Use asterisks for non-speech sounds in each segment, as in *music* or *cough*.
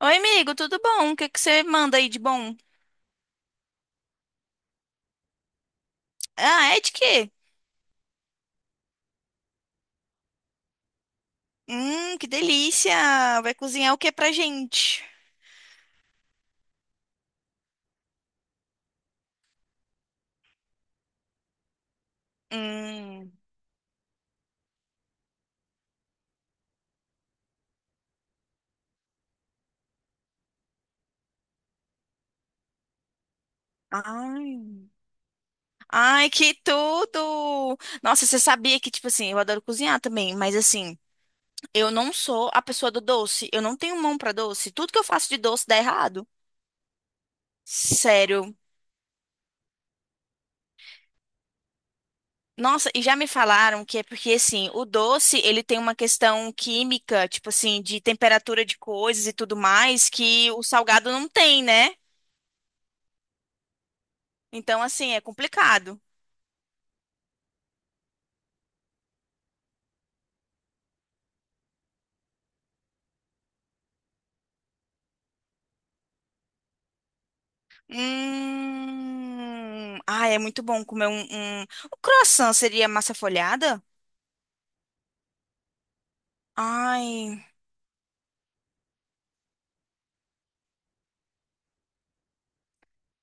Oi, amigo, tudo bom? O que que você manda aí de bom? Ah, é de quê? Que delícia! Vai cozinhar o que pra gente? Hum. Ai. Ai, que tudo! Nossa, você sabia que, tipo assim, eu adoro cozinhar também, mas assim, eu não sou a pessoa do doce. Eu não tenho mão pra doce. Tudo que eu faço de doce dá errado. Sério. Nossa, e já me falaram que é porque, assim, o doce, ele tem uma questão química, tipo assim, de temperatura de coisas e tudo mais, que o salgado não tem, né? Então, assim, é complicado. Hum. Ah, é muito bom comer um, O croissant seria massa folhada? Ai.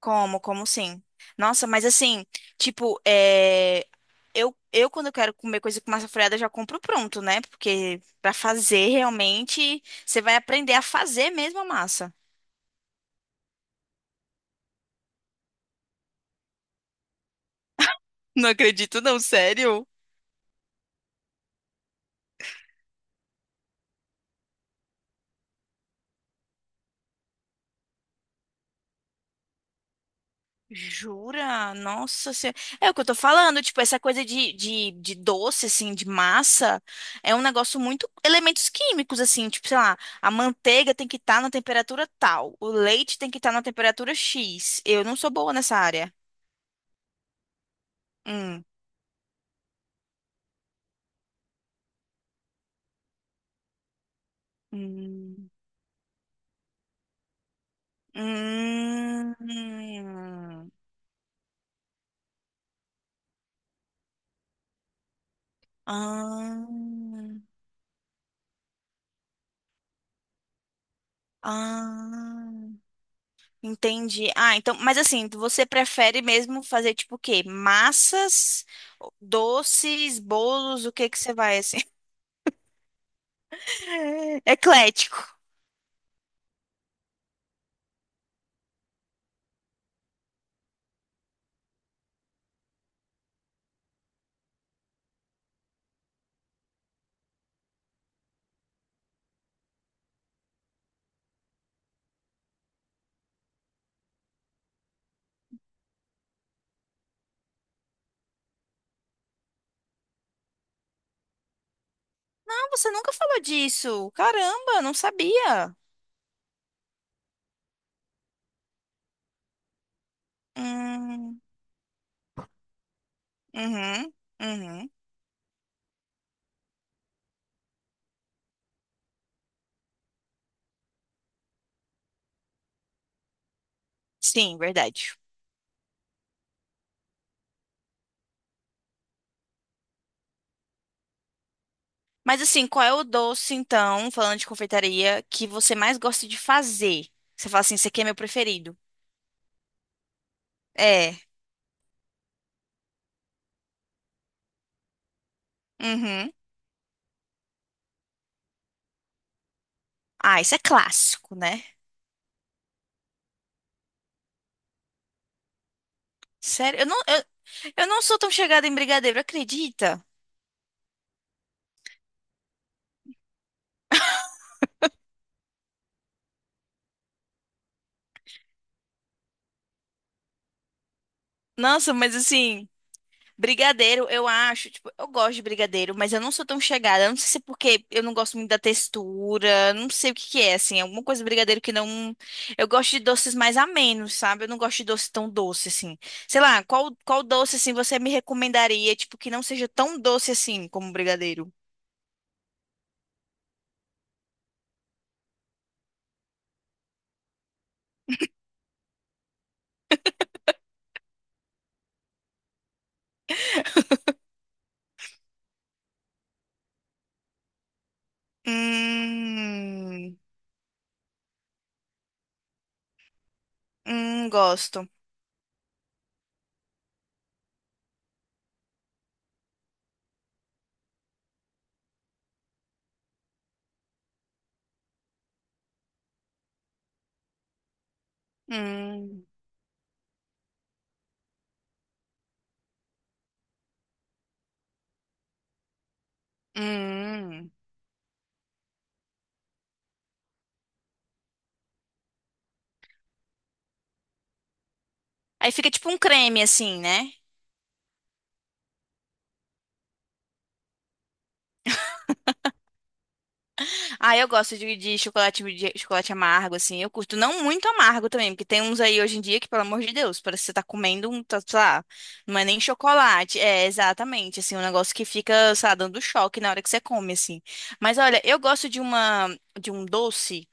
Como, sim. Nossa, mas assim, tipo, eu quando eu quero comer coisa com massa folhada, eu já compro pronto, né? Porque pra fazer realmente, você vai aprender a fazer mesmo a massa. Não acredito, não, sério? Jura? Nossa senhora. É o que eu tô falando, tipo, essa coisa de doce, assim, de massa, é um negócio muito elementos químicos, assim, tipo, sei lá, a manteiga tem que estar na temperatura tal, o leite tem que estar na temperatura X. Eu não sou boa nessa área. Hum. Hum. Hum. Ah. Ah. Entendi. Ah, então, mas assim, você prefere mesmo fazer tipo o quê? Massas, doces, bolos, o que que você vai assim? *laughs* Eclético. Não, você nunca falou disso. Caramba, não sabia. Hum. Uhum. Uhum. Sim, verdade. Mas assim, qual é o doce, então, falando de confeitaria, que você mais gosta de fazer? Você fala assim, esse aqui é meu preferido. É. Uhum. Ah, isso é clássico, né? Sério, eu não, eu não sou tão chegada em brigadeiro, acredita? Nossa, mas assim, brigadeiro, eu acho, tipo, eu gosto de brigadeiro, mas eu não sou tão chegada. Eu não sei se é porque eu não gosto muito da textura, não sei o que que é, assim, alguma coisa de brigadeiro que não. Eu gosto de doces mais amenos, sabe? Eu não gosto de doce tão doce, assim. Sei lá, qual doce, assim, você me recomendaria, tipo, que não seja tão doce assim como brigadeiro? Hum, gosto. Hum, hum. Aí fica tipo um creme, assim, né? Ah, eu gosto de chocolate, de chocolate amargo, assim. Eu curto não muito amargo também, porque tem uns aí hoje em dia que, pelo amor de Deus, parece que você tá comendo um, tá, sei lá, não é nem chocolate. É, exatamente, assim, um negócio que fica, sei lá, dando choque na hora que você come, assim. Mas olha, eu gosto de uma, de um doce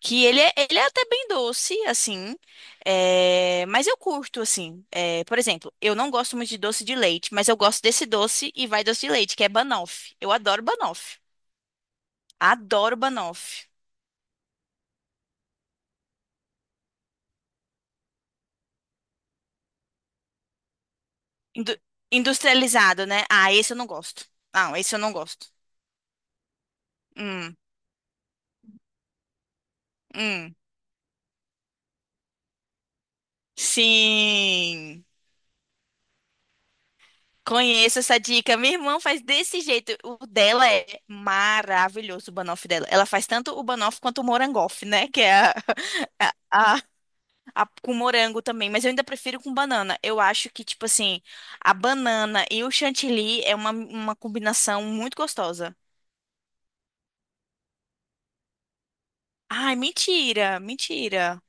que ele é até bem doce, assim, é, mas eu curto, assim. É, por exemplo, eu não gosto muito de doce de leite, mas eu gosto desse doce e vai doce de leite, que é banoffee. Eu adoro banoffee. Adoro banoffee. Indu- industrializado, né? Ah, esse eu não gosto. Não, esse eu não gosto. Hum, hum. Sim. Conheço essa dica. Minha irmã faz desse jeito. O dela é maravilhoso, o banoffee dela. Ela faz tanto o banoffee quanto o morangoff, né? Que é a, *laughs* a- a- com morango também. Mas eu ainda prefiro com banana. Eu acho que, tipo assim, a banana e o chantilly é uma combinação muito gostosa. Ai, mentira, mentira.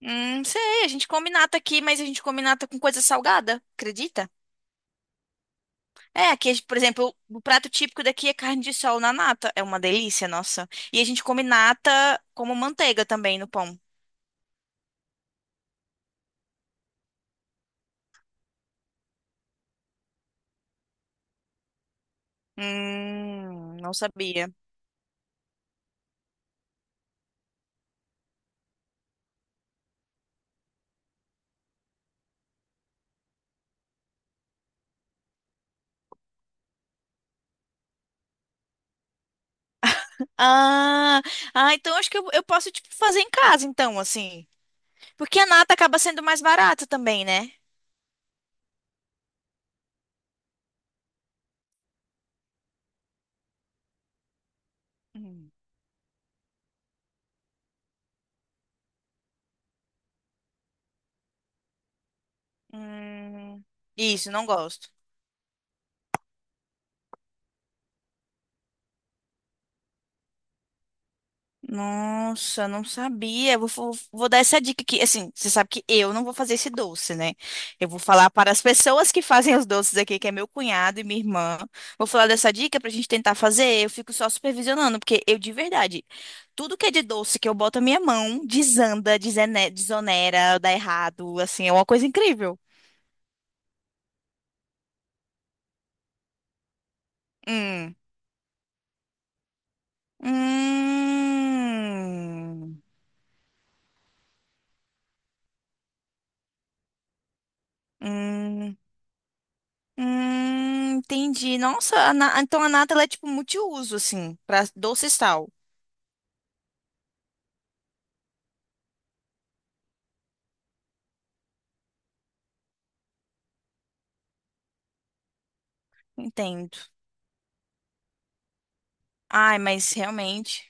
Sei, a gente come nata aqui, mas a gente come nata com coisa salgada, acredita? É, aqui, por exemplo, o prato típico daqui é carne de sol na nata. É uma delícia, nossa. E a gente come nata como manteiga também no pão. Não sabia. Ah, ah, então acho que eu posso, tipo, fazer em casa, então, assim. Porque a nata acaba sendo mais barata também, né? Hum, hum, isso, não gosto. Nossa, não sabia. Eu vou dar essa dica aqui. Assim, você sabe que eu não vou fazer esse doce, né? Eu vou falar para as pessoas que fazem os doces aqui, que é meu cunhado e minha irmã. Vou falar dessa dica pra gente tentar fazer. Eu fico só supervisionando, porque eu, de verdade, tudo que é de doce que eu boto a minha mão, desanda, desonera, dá errado. Assim, é uma coisa incrível. Hum. Hum. Hum. Entendi. Nossa, então a nata ela é tipo multiuso, assim, pra doce e sal. Entendo. Ai, mas realmente.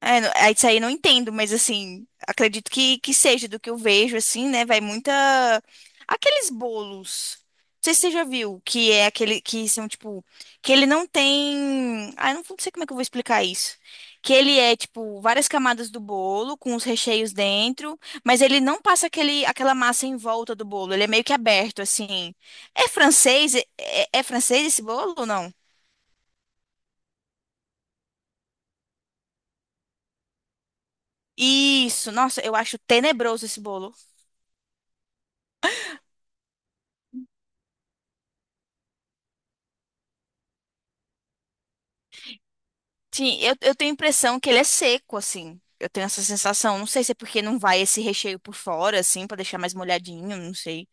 É, isso aí eu não entendo, mas assim, acredito que seja do que eu vejo, assim, né? Vai muita. Aqueles bolos. Não sei se você já viu, que é aquele que são, tipo, que ele não tem. Ah, eu não sei como é que eu vou explicar isso. Que ele é, tipo, várias camadas do bolo, com os recheios dentro, mas ele não passa aquele, aquela massa em volta do bolo. Ele é meio que aberto, assim. É francês? É francês esse bolo ou não? Isso, nossa, eu acho tenebroso esse bolo. Sim, eu tenho a impressão que ele é seco, assim. Eu tenho essa sensação. Não sei se é porque não vai esse recheio por fora, assim, pra deixar mais molhadinho, não sei.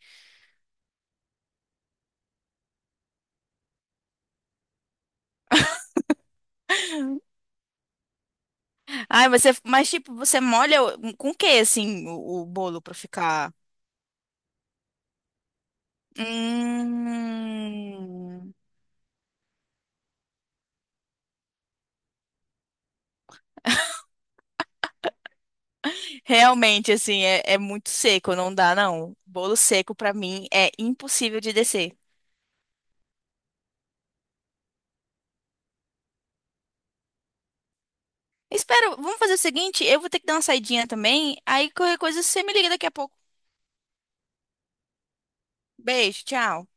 Ai, você, mas tipo, você molha um, com o que, assim, o bolo pra ficar. Hum, realmente, assim, é muito seco, não dá, não. Bolo seco, pra mim, é impossível de descer. Espero, vamos fazer o seguinte, eu vou ter que dar uma saidinha também, aí qualquer coisa você me liga daqui a pouco. Beijo, tchau.